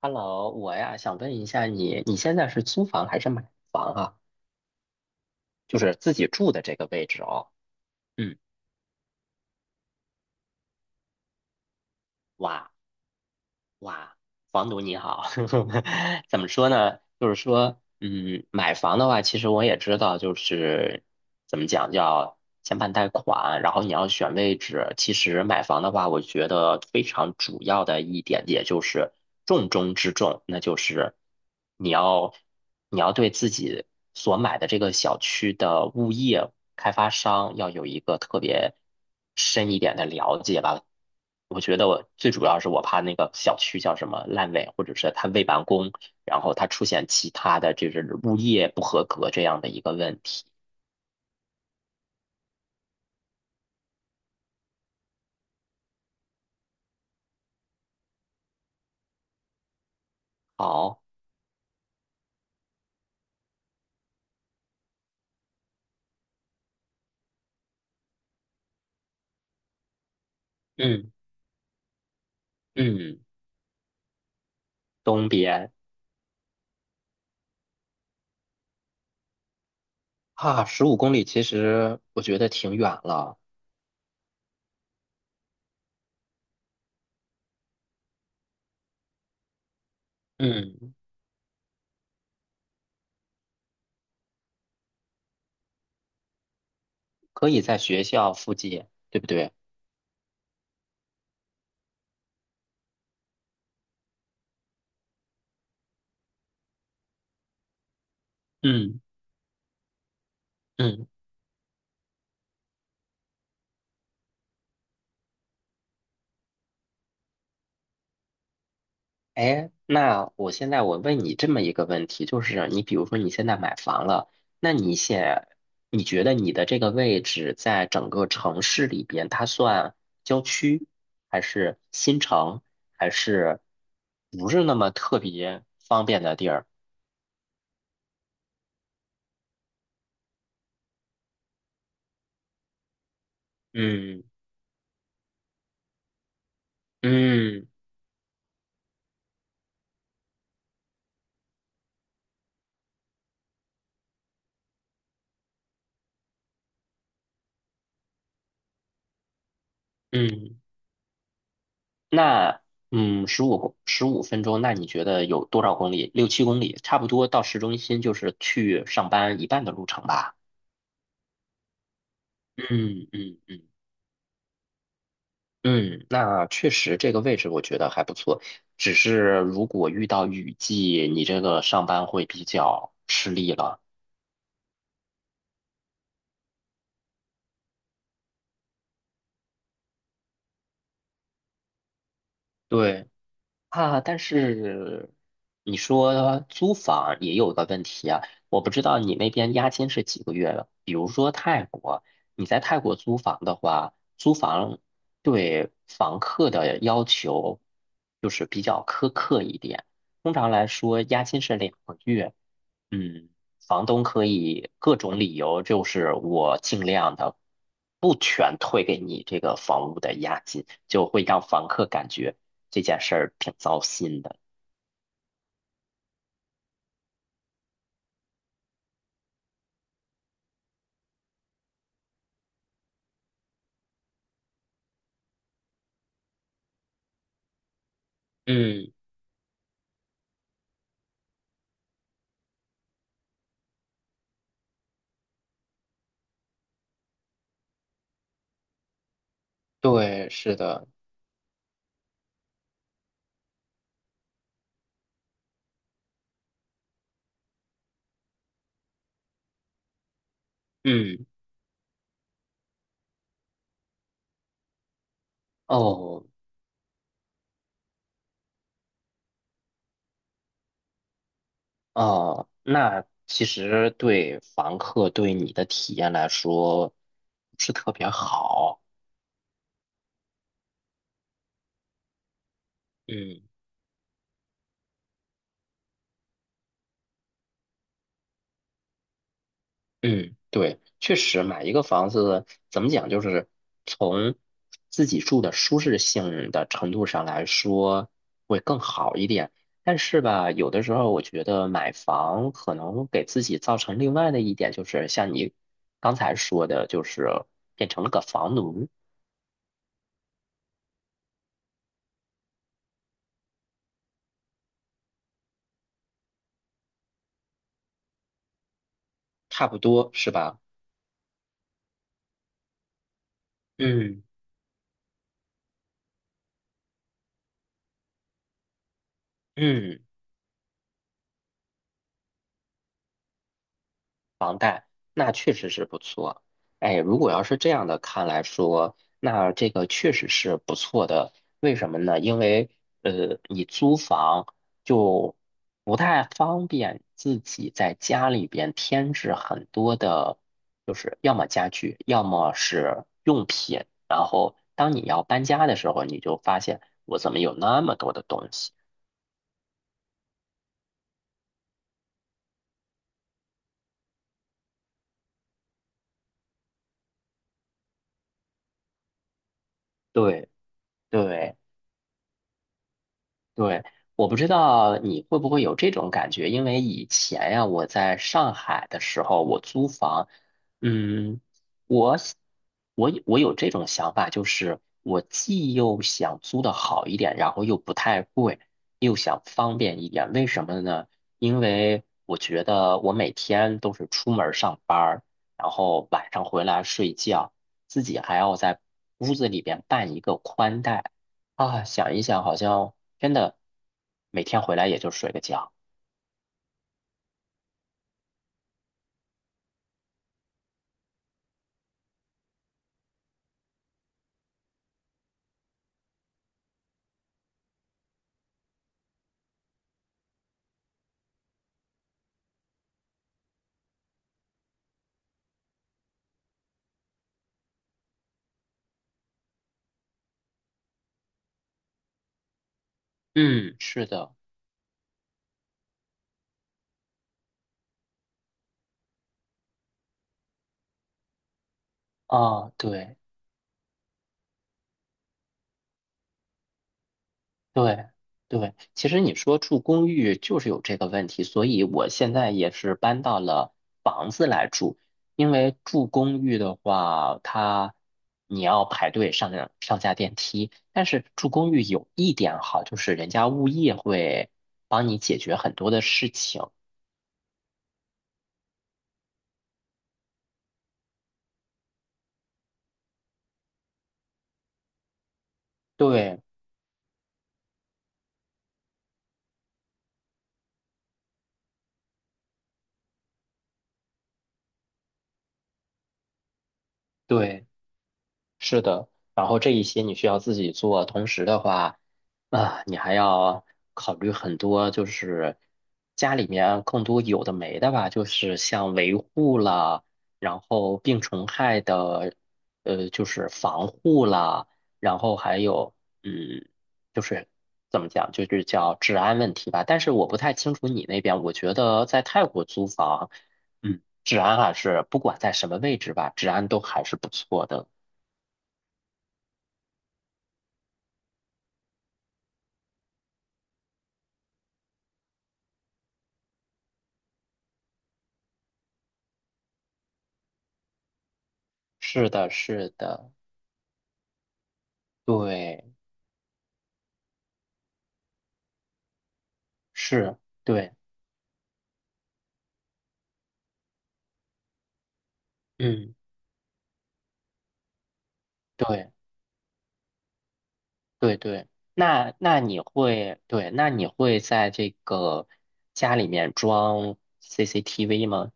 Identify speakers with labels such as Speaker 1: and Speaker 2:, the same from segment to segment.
Speaker 1: Hello，我呀想问一下你，你现在是租房还是买房啊？就是自己住的这个位置哦。嗯，哇哇，房奴你好，怎么说呢？就是说，嗯，买房的话，其实我也知道，就是怎么讲，叫先办贷款，然后你要选位置。其实买房的话，我觉得非常主要的一点，也就是重中之重，那就是你要你要对自己所买的这个小区的物业开发商要有一个特别深一点的了解吧。我觉得我最主要是我怕那个小区叫什么烂尾，或者是它未完工，然后它出现其他的就是物业不合格这样的一个问题。好，嗯嗯，东边啊，15公里其实我觉得挺远了，嗯，可以在学校附近，对不对？嗯嗯，哎，那我现在我问你这么一个问题，就是你比如说你现在买房了，那你现你觉得你的这个位置在整个城市里边，它算郊区，还是新城，还是不是那么特别方便的地儿？嗯嗯嗯，那嗯，十五分钟，那你觉得有多少公里？6、7公里，差不多到市中心就是去上班一半的路程吧。嗯嗯嗯。嗯，那确实这个位置我觉得还不错，只是如果遇到雨季，你这个上班会比较吃力了。对啊，但是你说租房也有个问题啊，我不知道你那边押金是几个月的。比如说泰国，你在泰国租房的话，租房对房客的要求就是比较苛刻一点，通常来说押金是2个月。嗯，房东可以各种理由，就是我尽量的不全退给你这个房屋的押金，就会让房客感觉这件事儿挺糟心的。嗯，对，是的，嗯，哦，哦，那其实对房客对你的体验来说不是特别好。嗯。嗯，对，确实买一个房子怎么讲，就是从自己住的舒适性的程度上来说会更好一点。但是吧，有的时候我觉得买房可能给自己造成另外的一点，就是像你刚才说的，就是变成了个房奴，差不多是吧？嗯嗯。那确实是不错。哎，如果要是这样的看来说，那这个确实是不错的。为什么呢？因为你租房就不太方便自己在家里边添置很多的，就是要么家具，要么是用品。然后当你要搬家的时候，你就发现我怎么有那么多的东西？对对。对，我不知道你会不会有这种感觉，因为以前呀，我在上海的时候，我租房，嗯，我想我有这种想法，就是我既又想租的好一点，然后又不太贵，又想方便一点。为什么呢？因为我觉得我每天都是出门儿上班儿然后晚上回来睡觉，自己还要在屋子里边办一个宽带。啊，想一想，好像真的每天回来也就睡个觉。嗯，是的，啊，对对对，其实你说住公寓就是有这个问题，所以我现在也是搬到了房子来住，因为住公寓的话，它你要排队上下电梯，但是住公寓有一点好，就是人家物业会帮你解决很多的事情。对对。是的，然后这一些你需要自己做，同时的话，啊，你还要考虑很多，就是家里面更多有的没的吧，就是像维护啦，然后病虫害的，就是防护啦，然后还有，嗯，就是怎么讲，就是叫治安问题吧。但是我不太清楚你那边，我觉得在泰国租房，嗯，治安还是不管在什么位置吧，治安都还是不错的。是的，是的，对，是，对，嗯，对，对对。那你会，对，那你会在这个家里面装 CCTV 吗？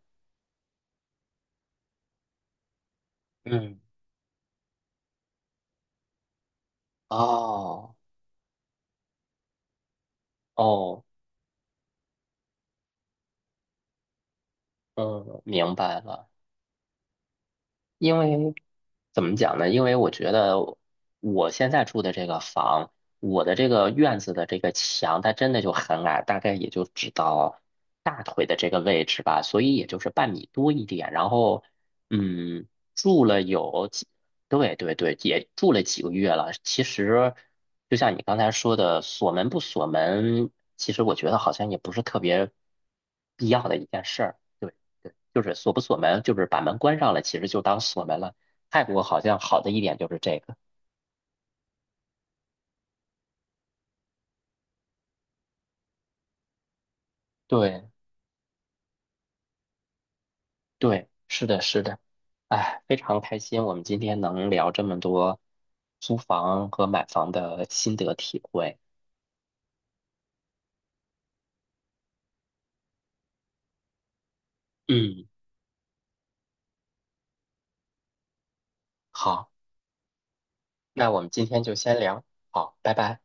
Speaker 1: 嗯，哦，哦，嗯，明白了。因为怎么讲呢？因为我觉得我现在住的这个房，我的这个院子的这个墙，它真的就很矮，大概也就只到大腿的这个位置吧，所以也就是半米多一点。然后，嗯，住了有几，对对对，也住了几个月了。其实，就像你刚才说的，锁门不锁门，其实我觉得好像也不是特别必要的一件事儿。就是锁不锁门，就是把门关上了，其实就当锁门了。泰国好像好的一点就是这个。对对，是的，是的。哎，非常开心，我们今天能聊这么多租房和买房的心得体会。嗯，好，那我们今天就先聊，好，拜拜。